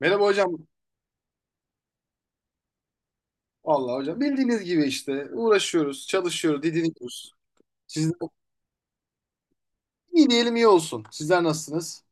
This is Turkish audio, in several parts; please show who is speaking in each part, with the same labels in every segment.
Speaker 1: Merhaba hocam. Vallahi hocam bildiğiniz gibi işte uğraşıyoruz, çalışıyoruz, didiniyoruz. Siz iyi diyelim iyi olsun. Sizler nasılsınız?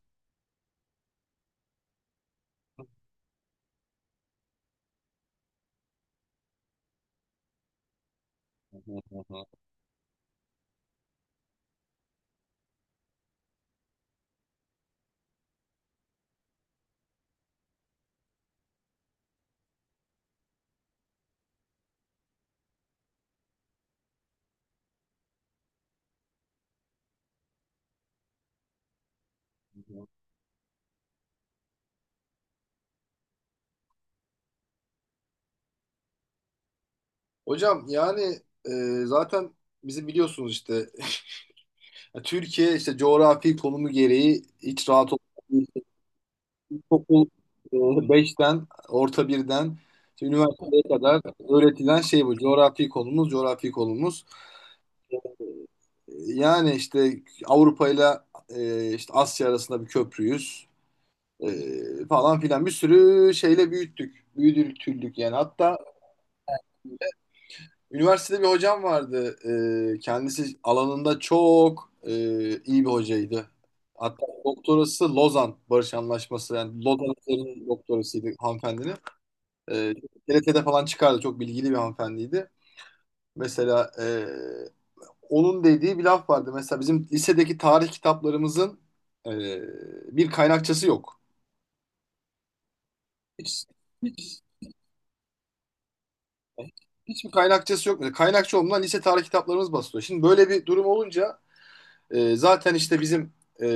Speaker 1: Hocam yani zaten bizi biliyorsunuz işte ya Türkiye işte coğrafi konumu gereği hiç rahat olmayan okul 5'ten orta birden işte üniversiteye kadar öğretilen şey bu coğrafi konumuz. Yani işte Avrupa ile işte Asya arasında bir köprüyüz. Falan filan bir sürü şeyle büyüttük. Büyütüldük yani. Hatta üniversitede bir hocam vardı. Kendisi alanında çok iyi bir hocaydı. Hatta doktorası Lozan Barış Anlaşması, yani Lozan üzerine doktorasıydı hanımefendinin. Ee, TRT'de falan çıkardı. Çok bilgili bir hanımefendiydi. Mesela onun dediği bir laf vardı. Mesela bizim lisedeki tarih kitaplarımızın e, bir kaynakçası yok. Hiç Hiçbir kaynakçası yok. Mesela kaynakçı olmadan lise tarih kitaplarımız basılıyor. Şimdi böyle bir durum olunca zaten işte bizim e,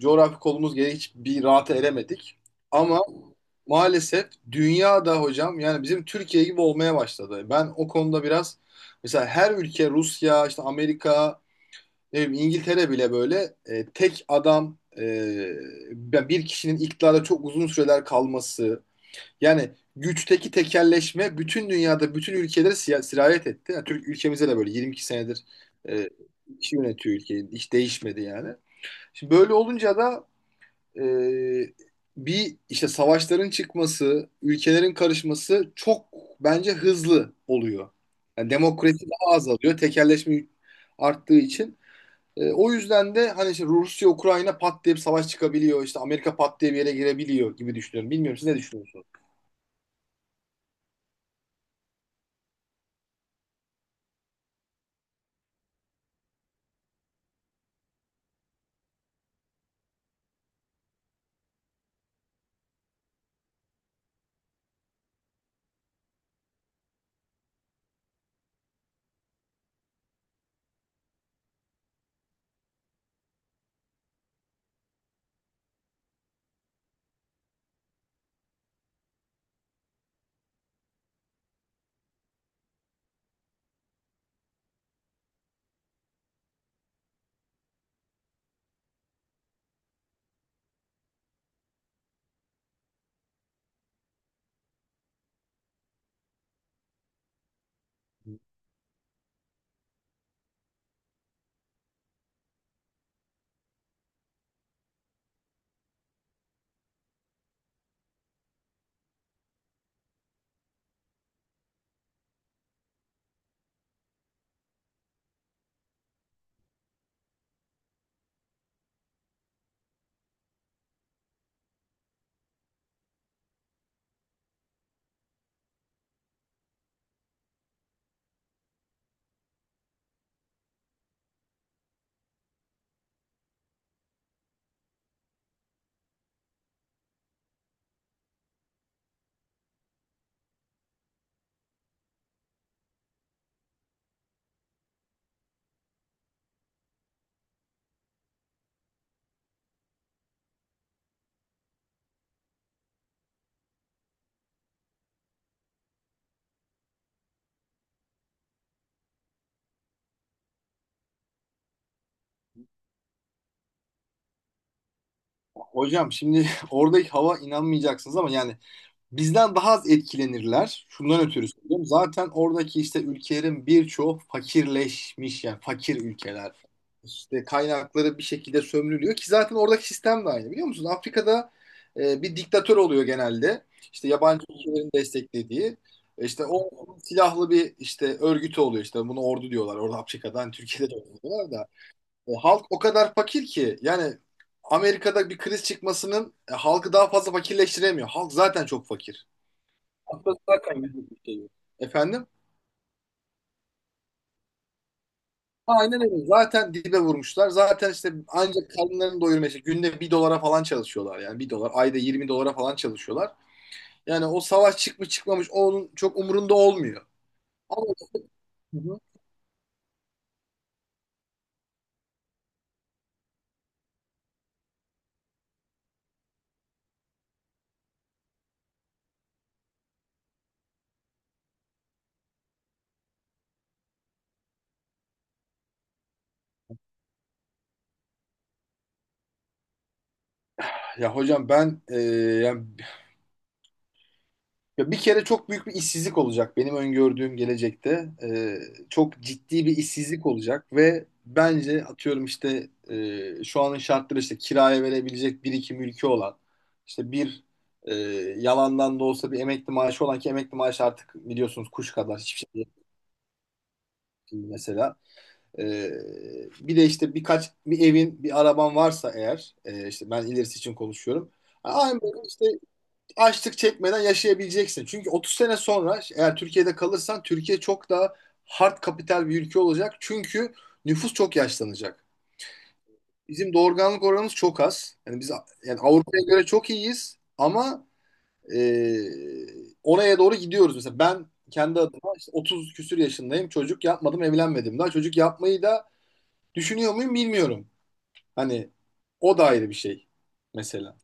Speaker 1: coğrafi kolumuz gereği hiçbir rahata eremedik. Ama maalesef dünyada hocam yani bizim Türkiye gibi olmaya başladı. Ben o konuda biraz mesela her ülke Rusya, işte Amerika, ne bileyim İngiltere bile böyle tek adam, bir kişinin iktidarda çok uzun süreler kalması, yani güçteki tekelleşme bütün dünyada, bütün ülkelere sirayet etti. Yani Türk ülkemize de böyle 22 senedir e, kişi yönetiyor ülkeyi. Hiç değişmedi yani. Şimdi böyle olunca da e, bir işte savaşların çıkması, ülkelerin karışması çok bence hızlı oluyor. Yani demokrasi daha azalıyor. Tekelleşme arttığı için. E, o yüzden de hani işte Rusya, Ukrayna pat diye bir savaş çıkabiliyor. İşte Amerika pat diye bir yere girebiliyor gibi düşünüyorum. Bilmiyorum siz ne düşünüyorsunuz? Hocam şimdi oradaki hava inanmayacaksınız ama yani bizden daha az etkilenirler. Şundan ötürü söylüyorum. Zaten oradaki işte ülkelerin birçoğu fakirleşmiş, yani fakir ülkeler. İşte kaynakları bir şekilde sömürülüyor ki zaten oradaki sistem de aynı, biliyor musunuz? Afrika'da bir diktatör oluyor genelde. İşte yabancı ülkelerin desteklediği. İşte o silahlı bir işte örgütü oluyor, işte bunu ordu diyorlar. Orada Afrika'dan Türkiye'de de ordu diyorlar da. Halk o kadar fakir ki yani Amerika'da bir kriz çıkmasının halkı daha fazla fakirleştiremiyor. Halk zaten çok fakir. Aslında zaten yüzlük bir şey yok. Efendim? Aynen öyle. Zaten dibe vurmuşlar. Zaten işte ancak karınlarını doyurmaya işte günde bir dolara falan çalışıyorlar. Yani bir dolar, ayda 20 dolara falan çalışıyorlar. Yani o savaş çıkmış çıkmamış onun çok umurunda olmuyor. Ama ya hocam ben yani ya bir kere çok büyük bir işsizlik olacak benim öngördüğüm gelecekte. Çok ciddi bir işsizlik olacak ve bence atıyorum işte şu anın şartları işte kiraya verebilecek bir iki mülkü olan, işte bir e, yalandan da olsa bir emekli maaşı olan, ki emekli maaşı artık biliyorsunuz kuş kadar hiçbir şey değil mesela. Ee, Bir de işte birkaç bir evin bir araban varsa eğer, işte ben ilerisi için konuşuyorum. Aynı böyle işte açlık çekmeden yaşayabileceksin. Çünkü 30 sene sonra eğer Türkiye'de kalırsan Türkiye çok daha hard kapital bir ülke olacak. Çünkü nüfus çok yaşlanacak. Bizim doğurganlık oranımız çok az. Yani biz yani Avrupa'ya göre çok iyiyiz ama e, oraya doğru gidiyoruz. Mesela ben kendi adıma işte 30 küsür yaşındayım. Çocuk yapmadım, evlenmedim daha. Çocuk yapmayı da düşünüyor muyum bilmiyorum. Hani o da ayrı bir şey mesela.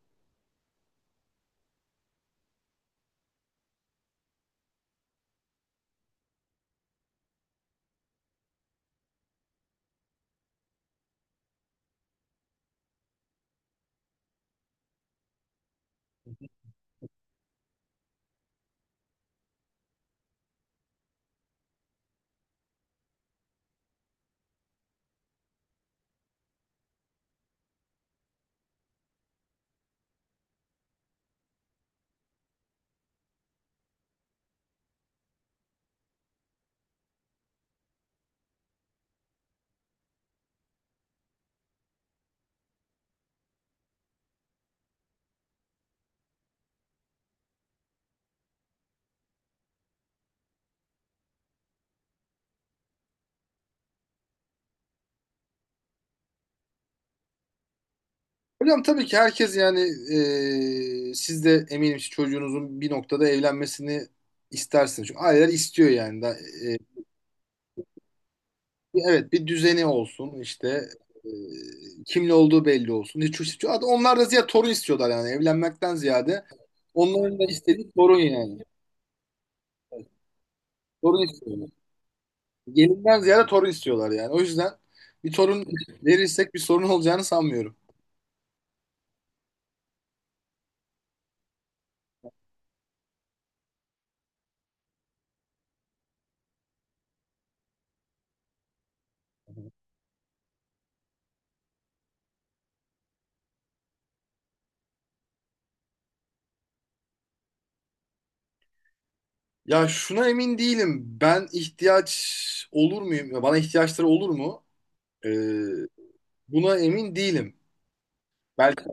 Speaker 1: Hocam tabii ki herkes yani siz de eminim ki çocuğunuzun bir noktada evlenmesini istersiniz. Çünkü aileler istiyor yani. Da, e, evet, bir düzeni olsun işte, kimle olduğu belli olsun. Hatta onlar da ziyade torun istiyorlar yani, evlenmekten ziyade. Onların da istediği torun yani. Torun istiyorlar. Gelinden ziyade torun istiyorlar yani. O yüzden bir torun verirsek bir sorun olacağını sanmıyorum. Ya şuna emin değilim. Ben ihtiyaç olur muyum? Ya bana ihtiyaçları olur mu? Ee, Buna emin değilim. Belki,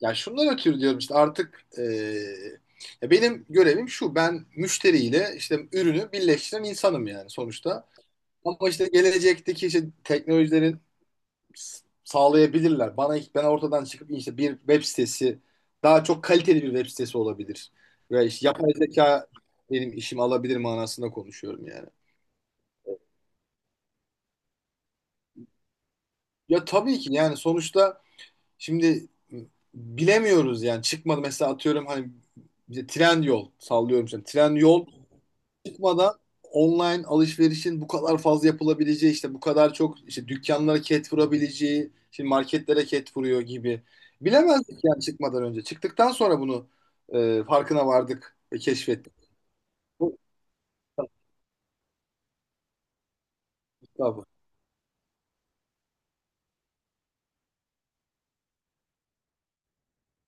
Speaker 1: ya şundan ötürü diyorum işte artık ya benim görevim şu, ben müşteriyle işte ürünü birleştiren insanım yani sonuçta. Ama işte gelecekteki işte teknolojilerin sağlayabilirler. Bana, ben ortadan çıkıp işte bir web sitesi, daha çok kaliteli bir web sitesi olabilir. Ve işte yapay zeka benim işimi alabilir manasında konuşuyorum yani. Ya tabii ki yani sonuçta. Şimdi bilemiyoruz yani, çıkmadı mesela atıyorum hani bize tren yol sallıyorum şimdi, tren yol çıkmadan online alışverişin bu kadar fazla yapılabileceği, işte bu kadar çok işte dükkanlara ket vurabileceği, şimdi marketlere ket vuruyor gibi bilemezdik yani çıkmadan önce, çıktıktan sonra bunu farkına vardık ve keşfettik. Bu kitabı.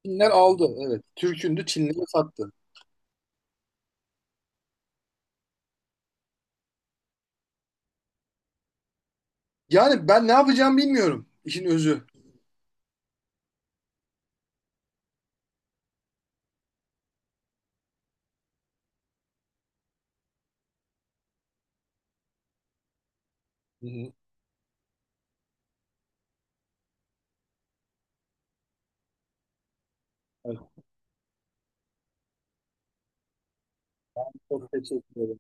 Speaker 1: Çinler aldı, evet, Türk'ündü Çinlere sattı. Yani ben ne yapacağımı bilmiyorum, işin özü. Hı hı. Evet, çok teşekkür ederim.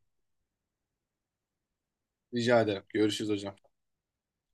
Speaker 1: Rica ederim. Görüşürüz hocam.